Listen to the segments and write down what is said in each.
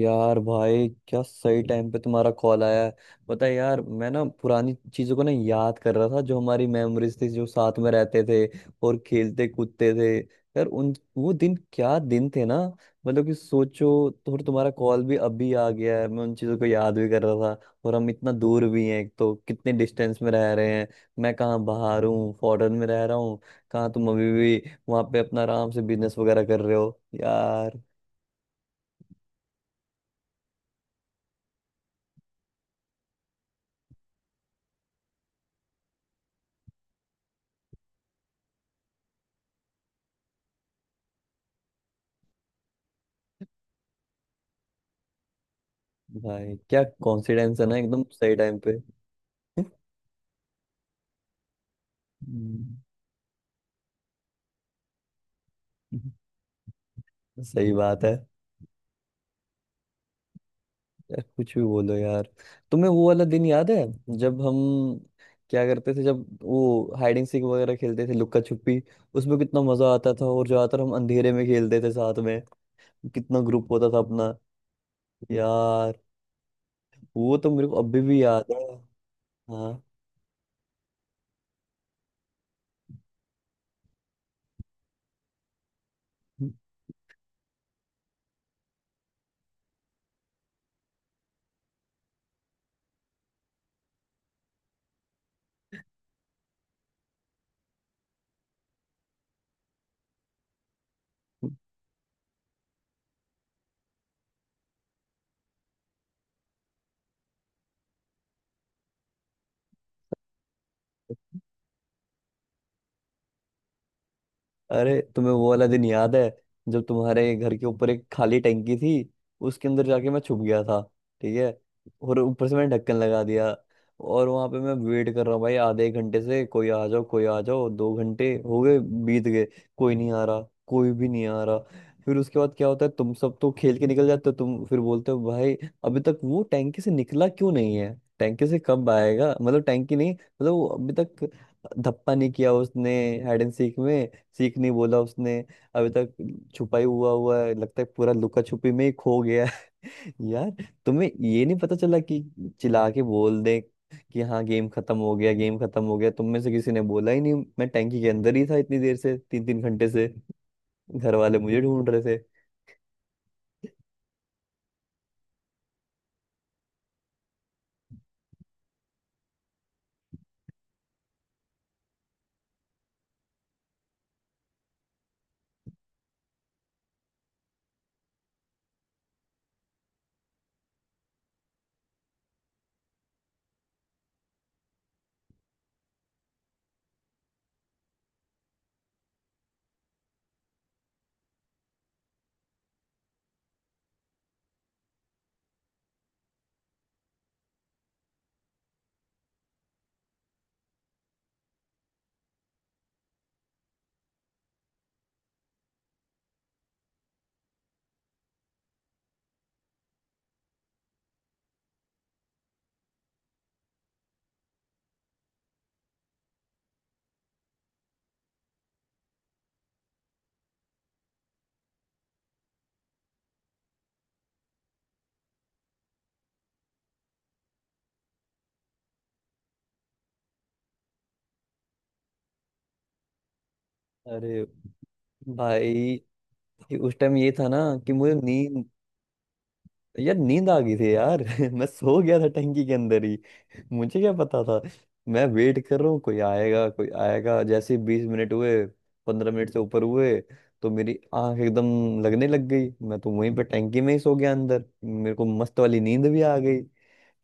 यार भाई, क्या सही टाइम पे तुम्हारा कॉल आया है। पता है यार, मैं ना पुरानी चीजों को ना याद कर रहा था, जो हमारी मेमोरीज थी, जो साथ में रहते थे और खेलते कूदते थे। यार उन वो दिन क्या दिन थे ना। मतलब कि सोचो तो, और तुम्हारा कॉल भी अभी आ गया है, मैं उन चीजों को याद भी कर रहा था, और हम इतना दूर भी हैं, एक तो कितने डिस्टेंस में रह रहे हैं। मैं कहाँ बाहर हूँ, फॉरेन में रह रहा हूँ, कहाँ तुम अभी भी वहां पे अपना आराम से बिजनेस वगैरह कर रहे हो यार। भाई, क्या कॉन्फिडेंस है ना, एकदम सही टाइम पे। हम्म। सही बात है। यार कुछ भी बोलो यार, तुम्हें वो वाला दिन याद है जब हम क्या करते थे, जब वो हाइड एंड सीक वगैरह खेलते थे, लुक्का छुपी। उसमें कितना मजा आता था, और ज्यादातर हम अंधेरे में खेलते थे साथ में। कितना ग्रुप होता था अपना यार। वो तो मेरे को अभी भी याद है। हाँ। अरे तुम्हें वो वाला दिन याद है जब तुम्हारे घर के ऊपर एक खाली टंकी थी, उसके अंदर जाके मैं छुप गया था। ठीक है। और ऊपर से मैंने ढक्कन लगा दिया, और वहां पे मैं वेट कर रहा हूँ, भाई आधे एक घंटे से कोई आ जाओ कोई आ जाओ, 2 घंटे हो गए, बीत गए, कोई नहीं आ रहा, कोई भी नहीं आ रहा। फिर उसके बाद क्या होता है, तुम सब तो खेल के निकल जाते हो, तुम फिर बोलते हो, भाई अभी तक वो टैंकी से निकला क्यों नहीं है, टैंकी से कब आएगा, मतलब टैंकी नहीं, मतलब वो अभी तक धप्पा नहीं किया उसने, हाइड एंड सीक में सीख नहीं बोला उसने अभी तक, छुपाई हुआ हुआ है, लगता है पूरा लुका छुपी में ही खो गया है। यार, तुम्हें ये नहीं पता चला कि चिल्ला के बोल दे कि हाँ गेम खत्म हो गया, गेम खत्म हो गया, तुम में से किसी ने बोला ही नहीं, मैं टैंकी के अंदर ही था इतनी देर से, तीन तीन घंटे से घर वाले मुझे ढूंढ रहे थे। अरे भाई, उस टाइम ये था ना कि मुझे नींद, यार नींद आ गई थी यार। मैं सो गया था टंकी के अंदर ही। मुझे क्या पता था, मैं वेट कर रहा हूँ कोई आएगा कोई आएगा, जैसे 20 मिनट हुए, 15 मिनट से ऊपर हुए, तो मेरी आंख एकदम लगने लग गई, मैं तो वहीं पे टंकी में ही सो गया अंदर, मेरे को मस्त वाली नींद भी आ गई।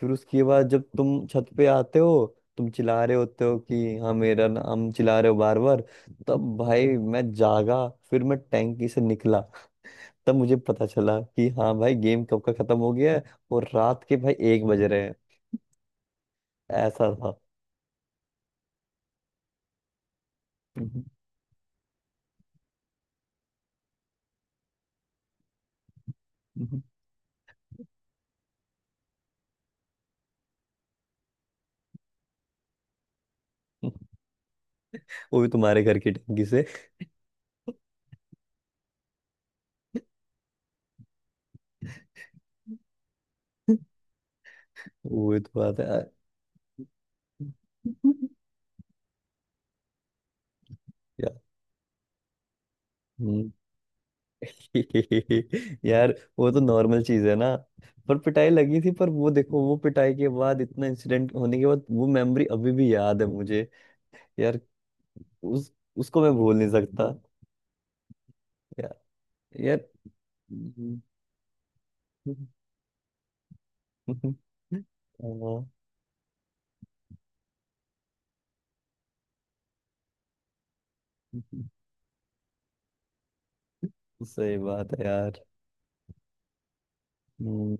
फिर उसके बाद जब तुम छत पे आते हो, तुम चिल्ला रहे होते हो कि हाँ मेरा नाम चिल्ला रहे हो बार बार, तब भाई मैं जागा, फिर मैं टैंकी से निकला। तब मुझे पता चला कि हाँ भाई, गेम कब का खत्म हो गया है, और रात के भाई 1 बज रहे हैं। ऐसा था। हम्म, हम्म, हम्म। वो भी तुम्हारे घर की टंकी से। वो भी तो बात है। या- हम्म। यार, वो तो नॉर्मल चीज है ना। पर पिटाई लगी थी, पर वो देखो, वो पिटाई के बाद, इतना इंसिडेंट होने के बाद वो मेमोरी अभी भी याद है मुझे यार। उस उसको मैं भूल नहीं सकता यार। यार, हम्म। हाँ। सही बात है यार। हम्म।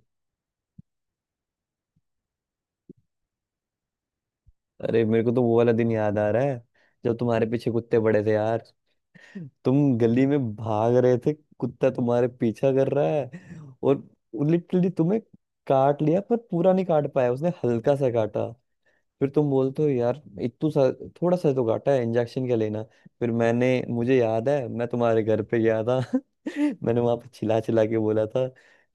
अरे मेरे को तो वो वाला दिन याद आ रहा है जब तुम्हारे पीछे कुत्ते पड़े थे यार, तुम गली में भाग रहे थे, कुत्ता तुम्हारे पीछा कर रहा है, और लिटरली तुम्हें काट लिया, पर पूरा नहीं काट पाया, उसने हल्का सा काटा। फिर तुम बोलते हो यार, इतू सा, थोड़ा सा तो घाटा है, इंजेक्शन क्या लेना। फिर मैंने, मुझे याद है मैं तुम्हारे घर पे गया था। मैंने वहां पे चिल्ला चिल्ला के बोला था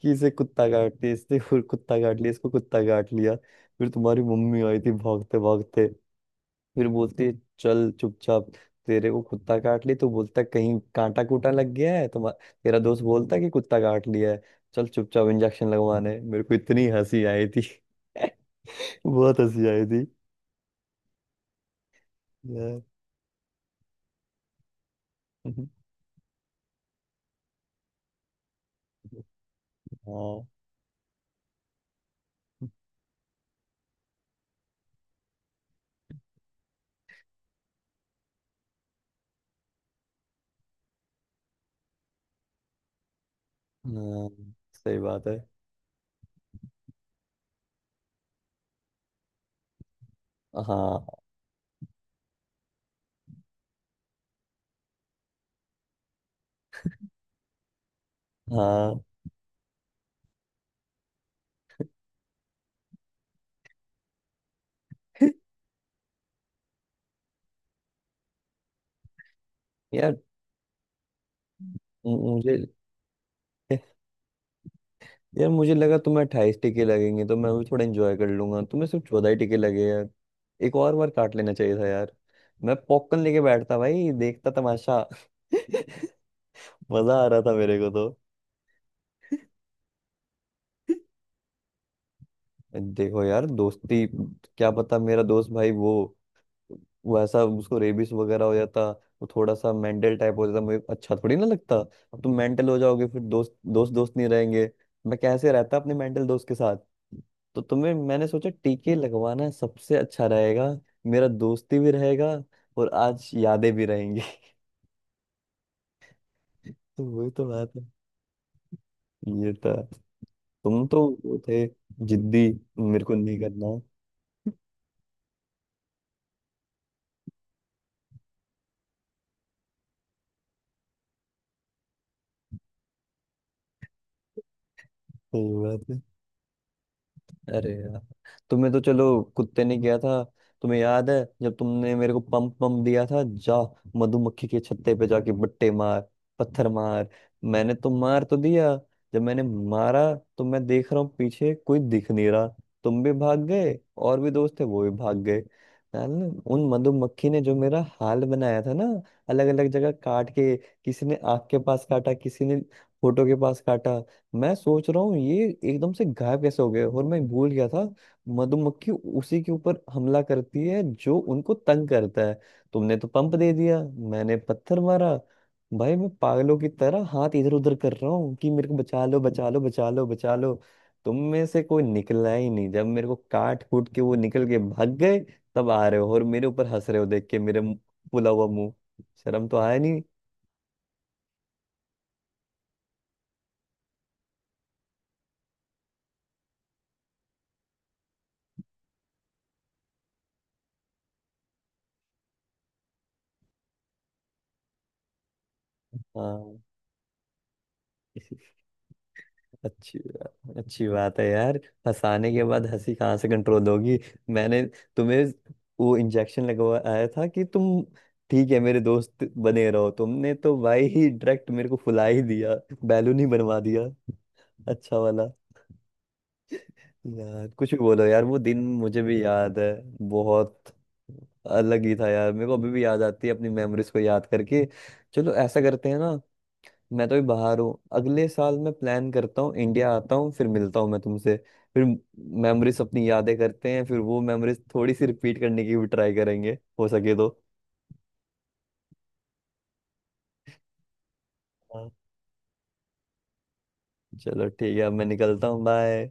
कि इसे कुत्ता काट लिया, इसने, फिर कुत्ता काट लिया, इसको कुत्ता काट लिया। फिर तुम्हारी मम्मी आई थी भागते भागते, फिर बोलती है, चल चुपचाप, तेरे को कुत्ता काट लिया तो बोलता है, कहीं कांटा कूटा लग गया है तुम्हारा, तेरा दोस्त बोलता है कि कुत्ता काट लिया है, चल चुपचाप इंजेक्शन लगवाने, मेरे को इतनी हंसी आई थी। बहुत हंसी आई थी यार। हाँ। हाँ, सही बात है। हाँ हाँ। यार। मुझे यार, मुझे लगा तुम्हें 28 टिके लगेंगे तो मैं भी थोड़ा एंजॉय कर लूंगा, तुम्हें सिर्फ 14 ही टिके लगे यार, एक और बार काट लेना चाहिए था यार। मैं पॉपकॉर्न लेके बैठता भाई, देखता तमाशा। मजा आ रहा था मेरे को तो। देखो यार, दोस्ती, क्या पता, मेरा दोस्त भाई, वो वैसा उसको रेबिस वगैरह हो जाता, वो थोड़ा सा मेंटल टाइप हो जाता, मुझे अच्छा थोड़ी ना लगता। अब तुम मेंटल हो जाओगे, फिर दोस्त दोस्त दोस्त नहीं रहेंगे। मैं कैसे रहता अपने मेंटल दोस्त के साथ। तो तुम्हें, मैंने सोचा टीके लगवाना सबसे अच्छा रहेगा, मेरा दोस्ती भी रहेगा, और आज यादें भी रहेंगी। तो वही तो बात है, ये था। तुम तो वो थे, जिद्दी, मेरे को नहीं करना। सही बात। अरे यार, तुम्हें तो चलो कुत्ते ने किया था, तुम्हें याद है जब तुमने मेरे को पंप पंप दिया था, जा मधुमक्खी के छत्ते पे जाके बट्टे मार, पत्थर मार। मैंने तो मार तो दिया, जब मैंने मारा तो मैं देख रहा हूँ, पीछे कोई दिख नहीं रहा। तुम भी भाग गए, और भी दोस्त थे वो भी भाग गए यार। ना, उन मधुमक्खी ने जो मेरा हाल बनाया था ना, अलग अलग जगह काट के, किसी ने आँख के पास काटा, किसी ने फोटो के पास काटा। मैं सोच रहा हूँ ये एकदम से गायब कैसे हो गए, और मैं भूल गया था मधुमक्खी उसी के ऊपर हमला करती है जो उनको तंग करता है। तुमने तो पंप दे दिया, मैंने पत्थर मारा। भाई मैं पागलों की तरह हाथ इधर उधर कर रहा हूँ कि मेरे को बचा लो बचा लो बचा लो बचा लो, तुम में से कोई निकला ही नहीं। जब मेरे को काट कूट के वो निकल के भाग गए, तब आ रहे हो और मेरे ऊपर हंस रहे हो देख के, मेरे फूला हुआ मुंह। शर्म तो आया नहीं। हाँ। अच्छी अच्छी बात है यार, फंसाने के बाद हंसी कहाँ से कंट्रोल होगी। मैंने तुम्हें वो इंजेक्शन लगवाया था कि तुम ठीक है मेरे दोस्त बने रहो, तुमने तो भाई ही डायरेक्ट मेरे को फुला ही दिया, बैलून ही बनवा दिया अच्छा वाला। यार कुछ भी बोलो यार, वो दिन मुझे भी याद है, बहुत अलग ही था यार, मेरे को अभी भी याद आती है अपनी मेमोरीज को याद करके। चलो ऐसा करते हैं ना, मैं तो भी बाहर हूँ, अगले साल मैं प्लान करता हूँ, इंडिया आता हूँ, फिर मिलता हूँ मैं तुमसे, फिर मेमोरीज अपनी यादें करते हैं, फिर वो मेमोरीज थोड़ी सी रिपीट करने की भी ट्राई करेंगे हो सके तो। हाँ। चलो ठीक है, अब मैं निकलता हूँ, बाय।